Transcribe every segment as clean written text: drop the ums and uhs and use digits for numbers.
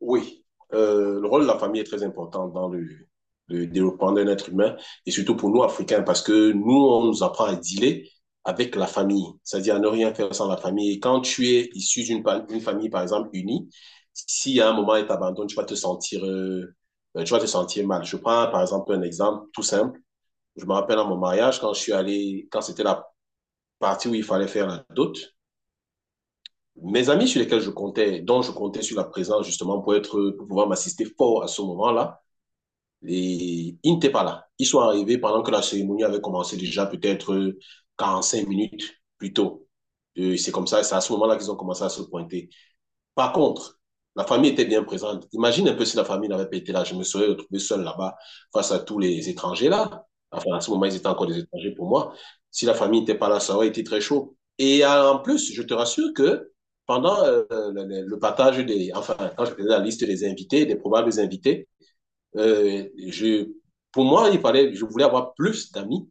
Oui, le rôle de la famille est très important dans le développement d'un être humain et surtout pour nous, Africains, parce que nous, on nous apprend à dealer avec la famille, c'est-à-dire à ne rien faire sans la famille. Et quand tu es issu d'une pa- une famille, par exemple, unie, si à un moment elle t'abandonne, tu vas te sentir mal. Je prends par exemple un exemple tout simple. Je me rappelle à mon mariage, quand je suis allé, quand c'était la partie où il fallait faire la dot, mes amis sur lesquels je comptais, dont je comptais sur la présence justement pour être, pour pouvoir m'assister fort à ce moment-là, et ils n'étaient pas là. Ils sont arrivés pendant que la cérémonie avait commencé déjà peut-être 45 minutes plus tôt. Et c'est comme ça, c'est à ce moment-là qu'ils ont commencé à se pointer. Par contre, la famille était bien présente. Imagine un peu si la famille n'avait pas été là. Je me serais retrouvé seul là-bas face à tous les étrangers là. Enfin, à ce moment, ils étaient encore des étrangers pour moi. Si la famille n'était pas là, ça aurait été très chaud. Et en plus, je te rassure que pendant le partage des, enfin, quand je faisais la liste des invités, des probables invités, euh, je, pour moi, il fallait, je voulais avoir plus d'amis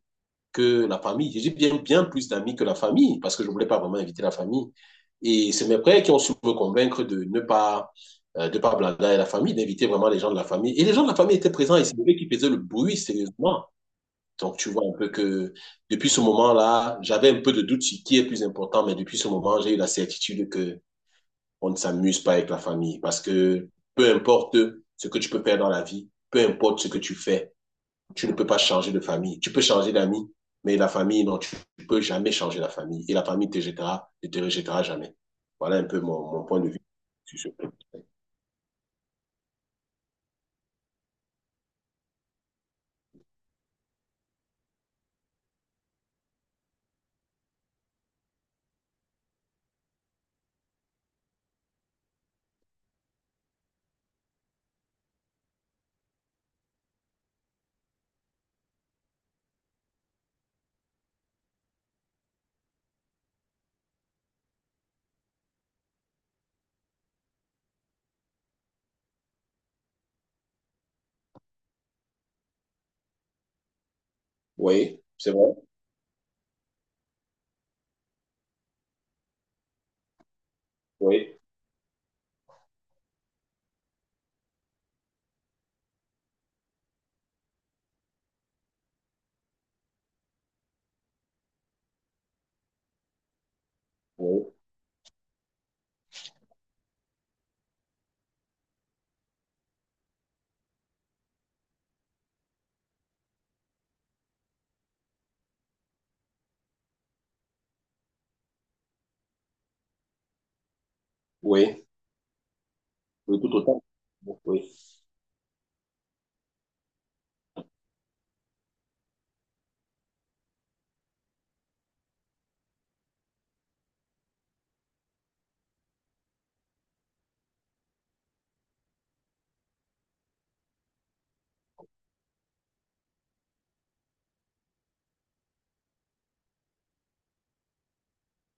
que la famille. J'ai bien, bien plus d'amis que la famille parce que je ne voulais pas vraiment inviter la famille. Et c'est mes frères qui ont su me convaincre de ne pas, de pas blabla la famille, d'inviter vraiment les gens de la famille. Et les gens de la famille étaient présents et c'est eux qui faisaient le bruit sérieusement. Donc, tu vois un peu que depuis ce moment-là, j'avais un peu de doute sur qui est plus important, mais depuis ce moment, j'ai eu la certitude que on ne s'amuse pas avec la famille parce que peu importe ce que tu peux faire dans la vie, peu importe ce que tu fais, tu ne peux pas changer de famille. Tu peux changer d'amis, mais la famille, non, tu ne peux jamais changer la famille. Et la famille te jettera, ne te rejettera jamais. Voilà un peu mon point de vue sur ce point. Oui, c'est vrai. Oui, oui, oui. Oui, tout autant. Oui,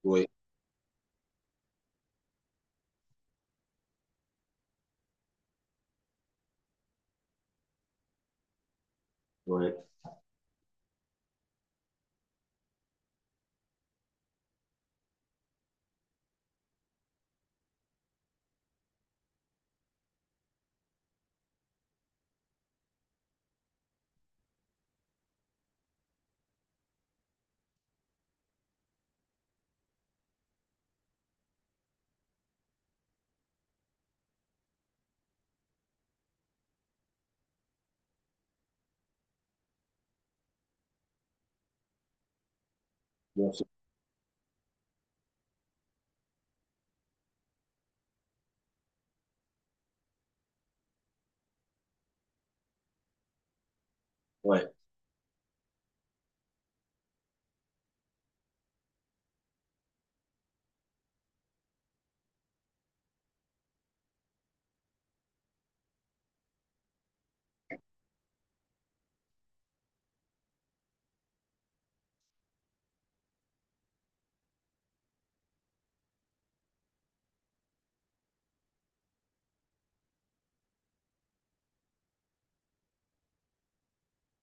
oui, oui. Bien sûr. Ouais.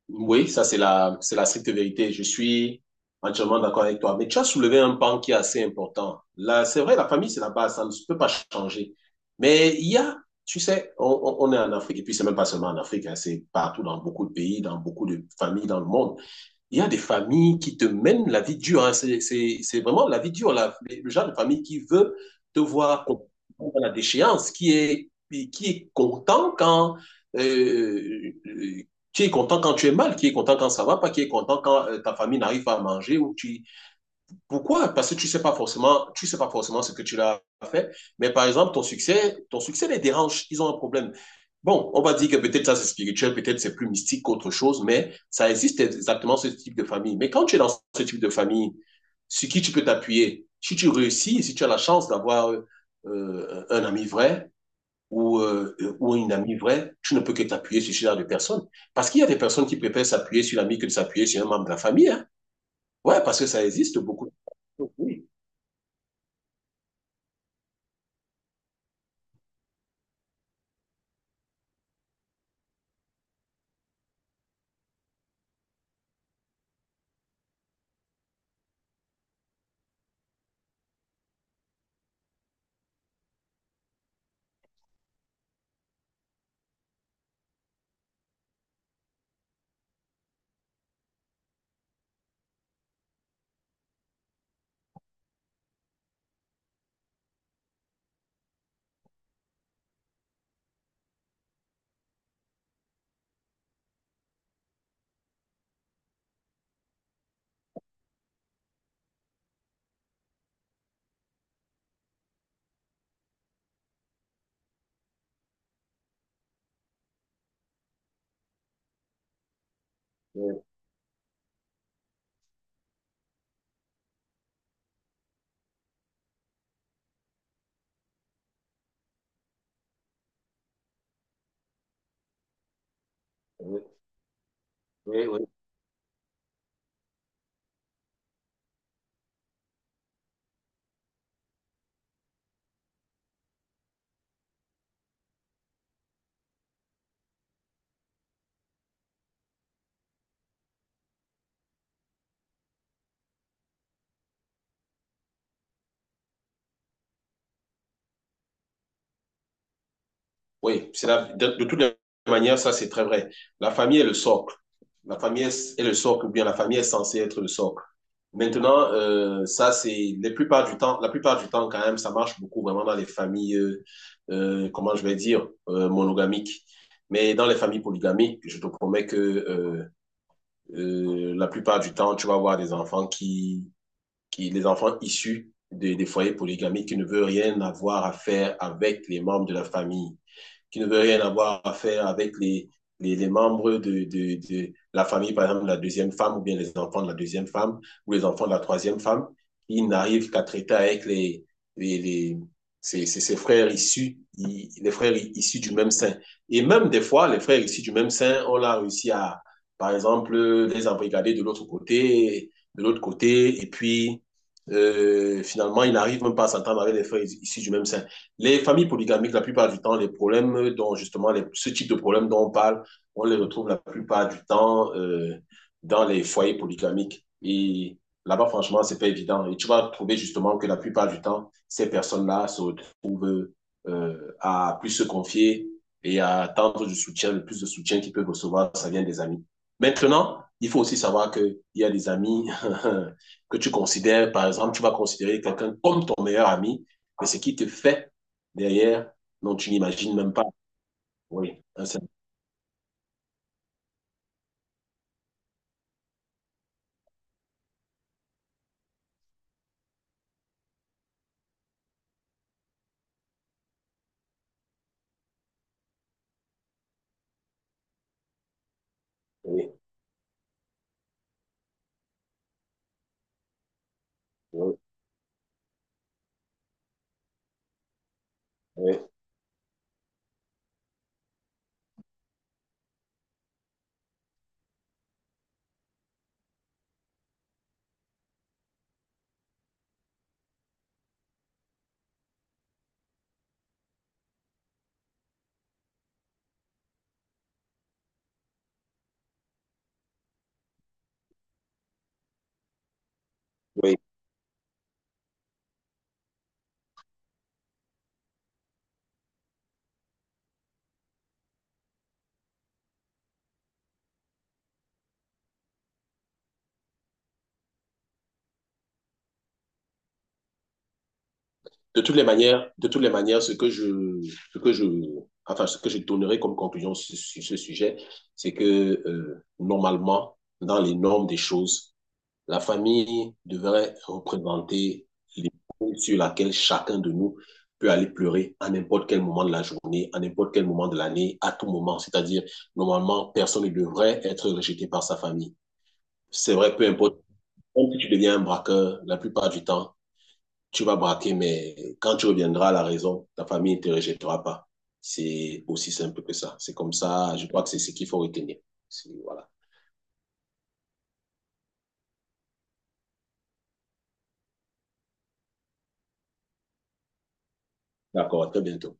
Oui, ça c'est la stricte vérité. Je suis entièrement d'accord avec toi. Mais tu as soulevé un pan qui est assez important. Là, c'est vrai, la famille, c'est la base, ça ne peut pas changer. Mais il y a, tu sais, on est en Afrique, et puis c'est même pas seulement en Afrique, hein, c'est partout dans beaucoup de pays, dans beaucoup de familles dans le monde, il y a des familles qui te mènent la vie dure, hein. C'est vraiment la vie dure, le genre de famille qui veut te voir dans la déchéance, qui est content quand, euh, euh, tu es mal, qui est content quand ça va pas, qui est content quand ta famille n'arrive pas à manger pourquoi? Parce que tu sais pas forcément, tu sais pas forcément ce que tu l'as fait, mais par exemple, ton succès les dérange, ils ont un problème. Bon, on va dire que peut-être ça c'est spirituel, peut-être c'est plus mystique qu'autre chose, mais ça existe exactement ce type de famille. Mais quand tu es dans ce type de famille, sur qui tu peux t'appuyer, si tu réussis, si tu as la chance d'avoir un ami vrai ou une amie vraie, tu ne peux que t'appuyer sur ce genre de personnes. Parce qu'il y a des personnes qui préfèrent s'appuyer sur l'ami que de s'appuyer sur un membre de la famille, hein. Ouais, parce que ça existe beaucoup. Oui. Oui, oui, oui. Oui. Oui, c'est de toute manière, ça c'est très vrai. La famille est le socle. La famille est le socle, ou bien la famille est censée être le socle. Maintenant, ça c'est la plupart du temps, la plupart du temps quand même, ça marche beaucoup vraiment dans les familles, comment je vais dire, monogamiques. Mais dans les familles polygamiques, je te promets que la plupart du temps, tu vas avoir des enfants qui, les enfants issus des foyers polygamiques qui ne veut rien avoir à faire avec les membres de la famille, qui ne veut rien avoir à faire avec les membres de la famille, par exemple, de la deuxième femme, ou bien les enfants de la deuxième femme, ou les enfants de la troisième femme, qui n'arrivent qu'à traiter avec les, les ses frères issus, les frères issus du même sein. Et même des fois, les frères issus du même sein, on l'a réussi à, par exemple, les embrigader de l'autre côté, et puis finalement, ils n'arrivent même pas à s'entendre avec les frères issus du même sein. Les familles polygamiques, la plupart du temps, les problèmes dont justement ce type de problème dont on parle, on les retrouve la plupart du temps dans les foyers polygamiques. Et là-bas, franchement, c'est pas évident. Et tu vas trouver justement que la plupart du temps, ces personnes-là se retrouvent à plus se confier et à attendre du soutien, le plus de soutien qu'ils peuvent recevoir, ça vient des amis. Maintenant, il faut aussi savoir qu'il y a des amis que tu considères, par exemple, tu vas considérer quelqu'un comme ton meilleur ami, mais ce qui te fait derrière, non, tu n'imagines même pas. Oui, oui, oui, oui, oui. De toutes les manières, de toutes les manières, ce que je, enfin, ce que je donnerai comme conclusion sur, sur ce sujet, c'est que normalement, dans les normes des choses, la famille devrait représenter l'épaule sur laquelle chacun de nous peut aller pleurer à n'importe quel moment de la journée, à n'importe quel moment de l'année, à tout moment. C'est-à-dire, normalement, personne ne devrait être rejeté par sa famille. C'est vrai, peu importe. Même si tu deviens un braqueur, la plupart du temps, tu vas braquer, mais quand tu reviendras à la raison, ta famille ne te rejettera pas. C'est aussi simple que ça. C'est comme ça, je crois que c'est ce qu'il faut retenir. C'est- Voilà. D'accord, à très bientôt.